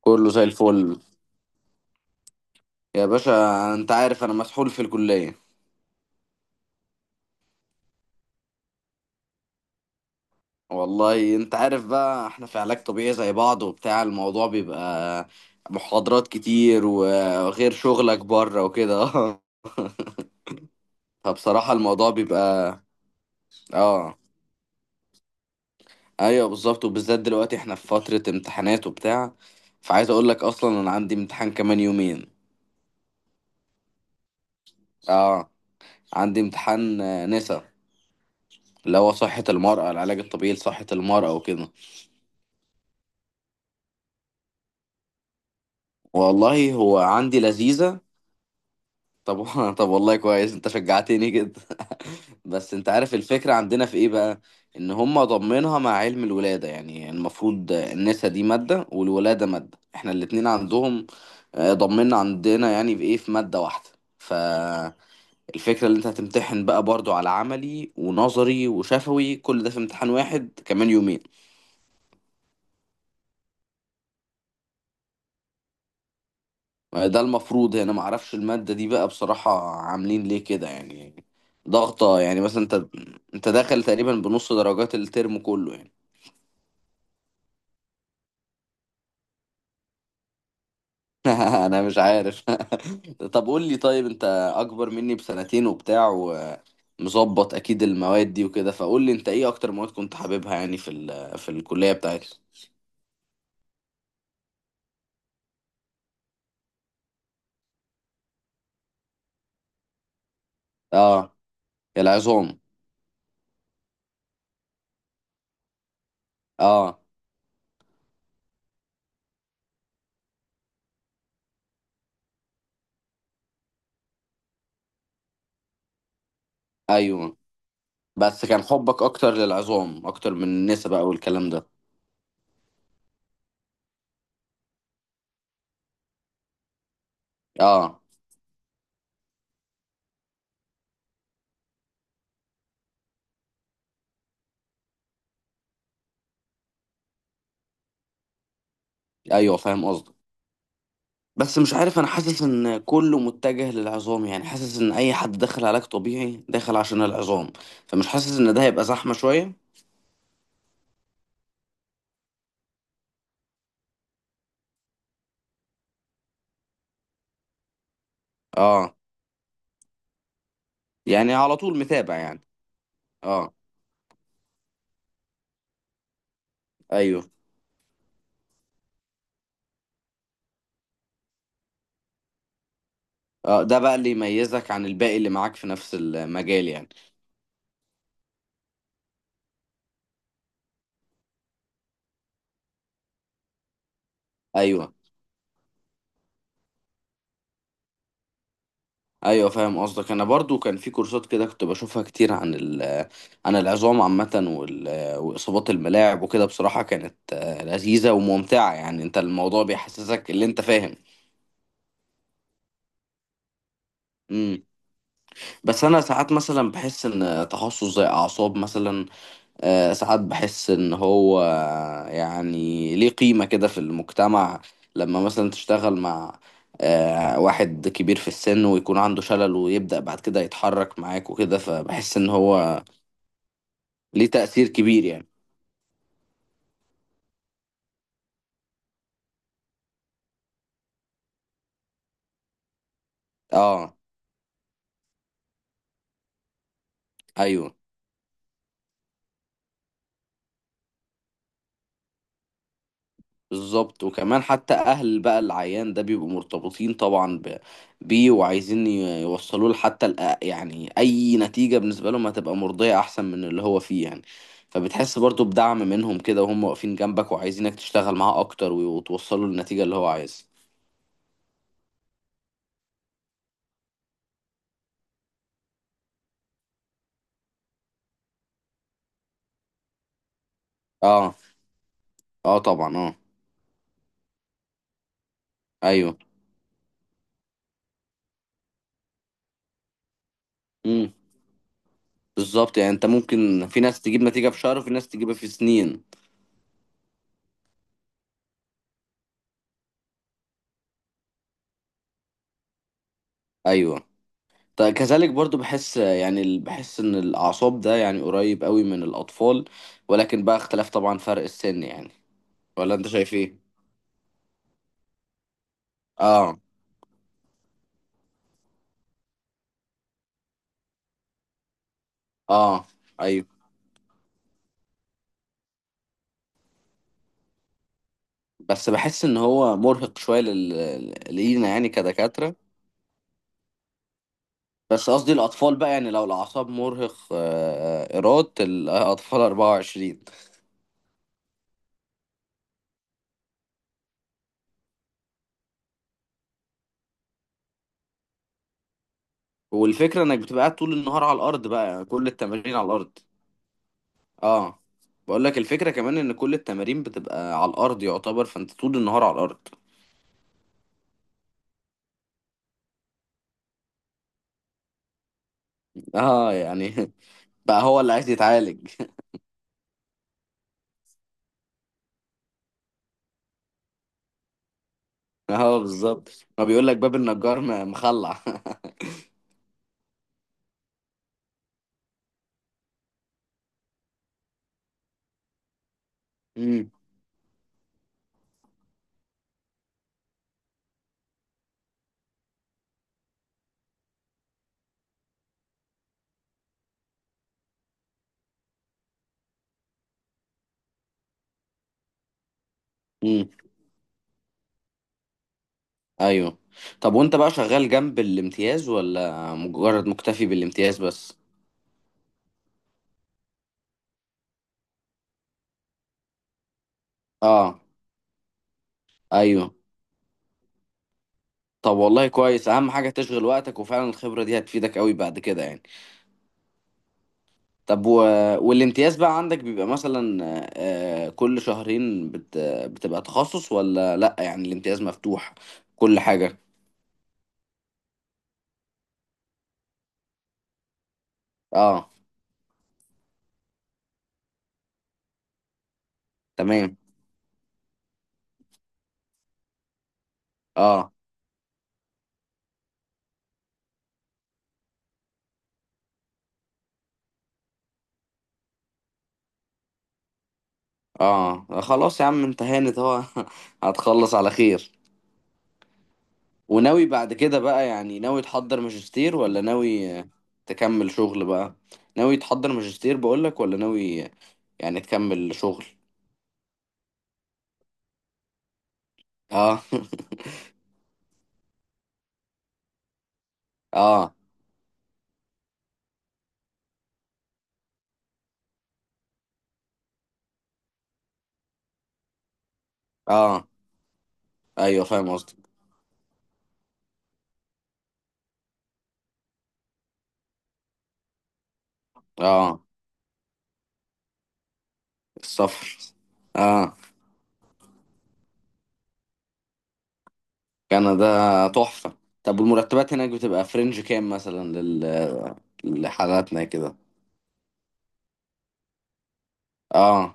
كله زي الفل يا باشا. انت عارف انا مسحول في الكلية. والله انت عارف بقى، احنا في علاج طبيعي زي بعض وبتاع، الموضوع بيبقى محاضرات كتير، وغير شغلك بره وكده. فبصراحة الموضوع بيبقى. اه، ايوه بالظبط، وبالذات دلوقتي احنا في فترة امتحانات وبتاع. فعايز اقول لك اصلا انا عندي امتحان كمان يومين. اه، عندي امتحان نسا، اللي هو صحة المرأة، العلاج الطبيعي لصحة المرأة وكده. والله هو عندي لذيذة. طب طب والله كويس، انت شجعتني جدا. بس انت عارف الفكرة عندنا في ايه بقى؟ ان هم ضمنها مع علم الولادة، يعني المفروض النسا دي مادة والولادة مادة، احنا الاتنين عندهم ضمننا عندنا، يعني في ايه، في مادة واحدة. فالفكرة اللي انت هتمتحن بقى برضو على عملي ونظري وشفوي، كل ده في امتحان واحد كمان يومين. ده المفروض هنا، ما اعرفش المادة دي بقى بصراحة عاملين ليه كده يعني. ضغطة يعني، مثلا انت داخل تقريبا بنص درجات الترم كله يعني. انا مش عارف. طب قول لي طيب، انت اكبر مني بسنتين وبتاع، ومظبط اكيد المواد دي وكده، فقول لي انت ايه اكتر مواد كنت حاببها يعني في الكلية بتاعتك. اه، العظام. اه، ايوه، بس كان حبك اكتر للعظام اكتر من النسا بقى والكلام ده. اه، ايوه فاهم قصدي. بس مش عارف، انا حاسس ان كله متجه للعظام، يعني حاسس ان اي حد داخل علاج طبيعي داخل عشان العظام، فمش حاسس ان ده هيبقى زحمة شوية. اه، يعني على طول متابع يعني. اه، ايوه، اه، ده بقى اللي يميزك عن الباقي اللي معاك في نفس المجال يعني. ايوه، ايوه، فاهم قصدك. انا برضو كان في كورسات كده كنت بشوفها كتير عن عن العظام عامة واصابات الملاعب وكده. بصراحة كانت لذيذة وممتعة، يعني انت الموضوع بيحسسك اللي انت فاهم. بس انا ساعات مثلا بحس ان تخصص زي اعصاب مثلا، ساعات بحس ان هو يعني ليه قيمة كده في المجتمع. لما مثلا تشتغل مع واحد كبير في السن ويكون عنده شلل ويبدأ بعد كده يتحرك معاك وكده، فبحس ان هو ليه تأثير كبير يعني. اه، ايوه بالظبط، وكمان حتى اهل بقى العيان ده بيبقوا مرتبطين طبعا بيه، وعايزين يوصلوا له حتى يعني اي نتيجة بالنسبة لهم هتبقى مرضية احسن من اللي هو فيه يعني. فبتحس برضو بدعم منهم كده، وهم واقفين جنبك وعايزينك تشتغل معاه اكتر، وتوصله للنتيجة اللي هو عايزها. اه، اه طبعا، اه، ايوه، امم، بالظبط. يعني انت ممكن في ناس تجيب نتيجة في شهر وفي ناس تجيبها في سنين. ايوه، كذلك برضو، بحس يعني بحس ان الاعصاب ده يعني قريب قوي من الاطفال. ولكن بقى اختلاف طبعا، فرق السن يعني. ولا انت شايف ايه؟ اه، اه، ايوه. بس بحس ان هو مرهق شويه لينا يعني كدكاتره. بس قصدي الاطفال بقى، يعني لو الاعصاب مرهق، ايراد الاطفال 24. والفكره انك بتبقى قاعد طول النهار على الارض بقى، يعني كل التمارين على الارض. اه، بقول لك الفكره كمان ان كل التمارين بتبقى على الارض يعتبر، فانت طول النهار على الارض. اه، يعني بقى هو اللي عايز يتعالج. اه بالظبط، ما بيقول لك باب النجار مخلع. امم، امم، ايوه. طب وانت بقى شغال جنب الامتياز ولا مجرد مكتفي بالامتياز بس؟ اه، ايوه. طب والله كويس، اهم حاجة تشغل وقتك، وفعلا الخبرة دي هتفيدك قوي بعد كده يعني. طب والامتياز بقى عندك بيبقى مثلا كل شهرين بتبقى تخصص ولا لا؟ يعني الامتياز مفتوح كل حاجة. اه، تمام. اه، اه خلاص يا عم، انت هانت اهو. هتخلص على خير. وناوي بعد كده بقى، يعني ناوي تحضر ماجستير ولا ناوي تكمل شغل بقى؟ ناوي تحضر ماجستير بقولك، ولا ناوي يعني تكمل شغل؟ اه. اه، اه، ايوه فاهم قصدك. اه، السفر. اه، كندا تحفة. طب والمرتبات هناك بتبقى فرنج كام مثلا لحالاتنا كده؟ اه،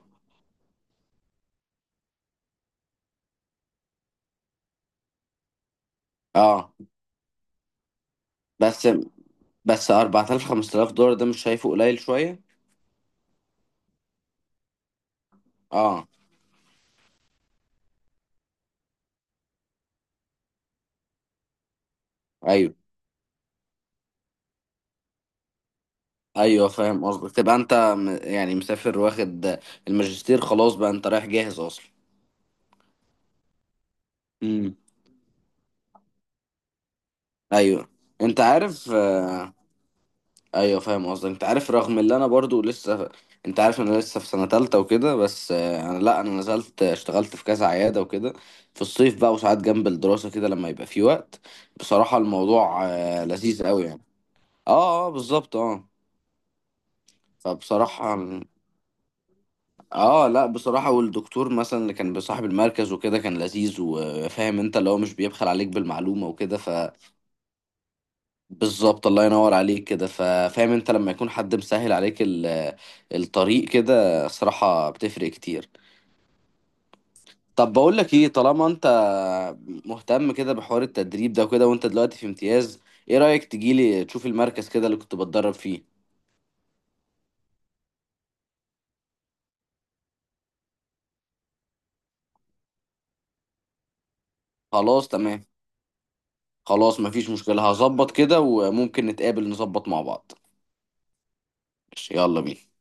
اه، بس بس 4000 5000 دولار، ده مش شايفه قليل شوية؟ اه، ايوه، ايوه فاهم قصدك. تبقى انت يعني مسافر واخد الماجستير خلاص بقى، انت رايح جاهز اصلا. امم، ايوه. انت عارف ايوه فاهم قصدك، انت عارف رغم اللي انا برضو لسه، انت عارف انا لسه في سنة تالتة وكده، بس انا لا، انا نزلت اشتغلت في كذا عيادة وكده، في الصيف بقى، وساعات جنب الدراسة كده لما يبقى في وقت. بصراحة الموضوع لذيذ قوي يعني. اه، اه بالظبط، اه، فبصراحة، اه لا بصراحة، والدكتور مثلا اللي كان بصاحب المركز وكده كان لذيذ وفاهم انت، اللي هو مش بيبخل عليك بالمعلومة وكده. فبالظبط، الله ينور عليك كده، ففاهم انت لما يكون حد مسهل عليك الطريق كده، صراحة بتفرق كتير. طب بقول لك ايه، طالما انت مهتم كده بحوار التدريب ده وكده، وانت دلوقتي في امتياز، ايه رأيك تجيلي تشوف المركز كده اللي كنت بتدرب فيه؟ خلاص تمام. خلاص مفيش مشكلة، هظبط كده وممكن نتقابل نظبط مع بعض. ماشي، يلا بينا.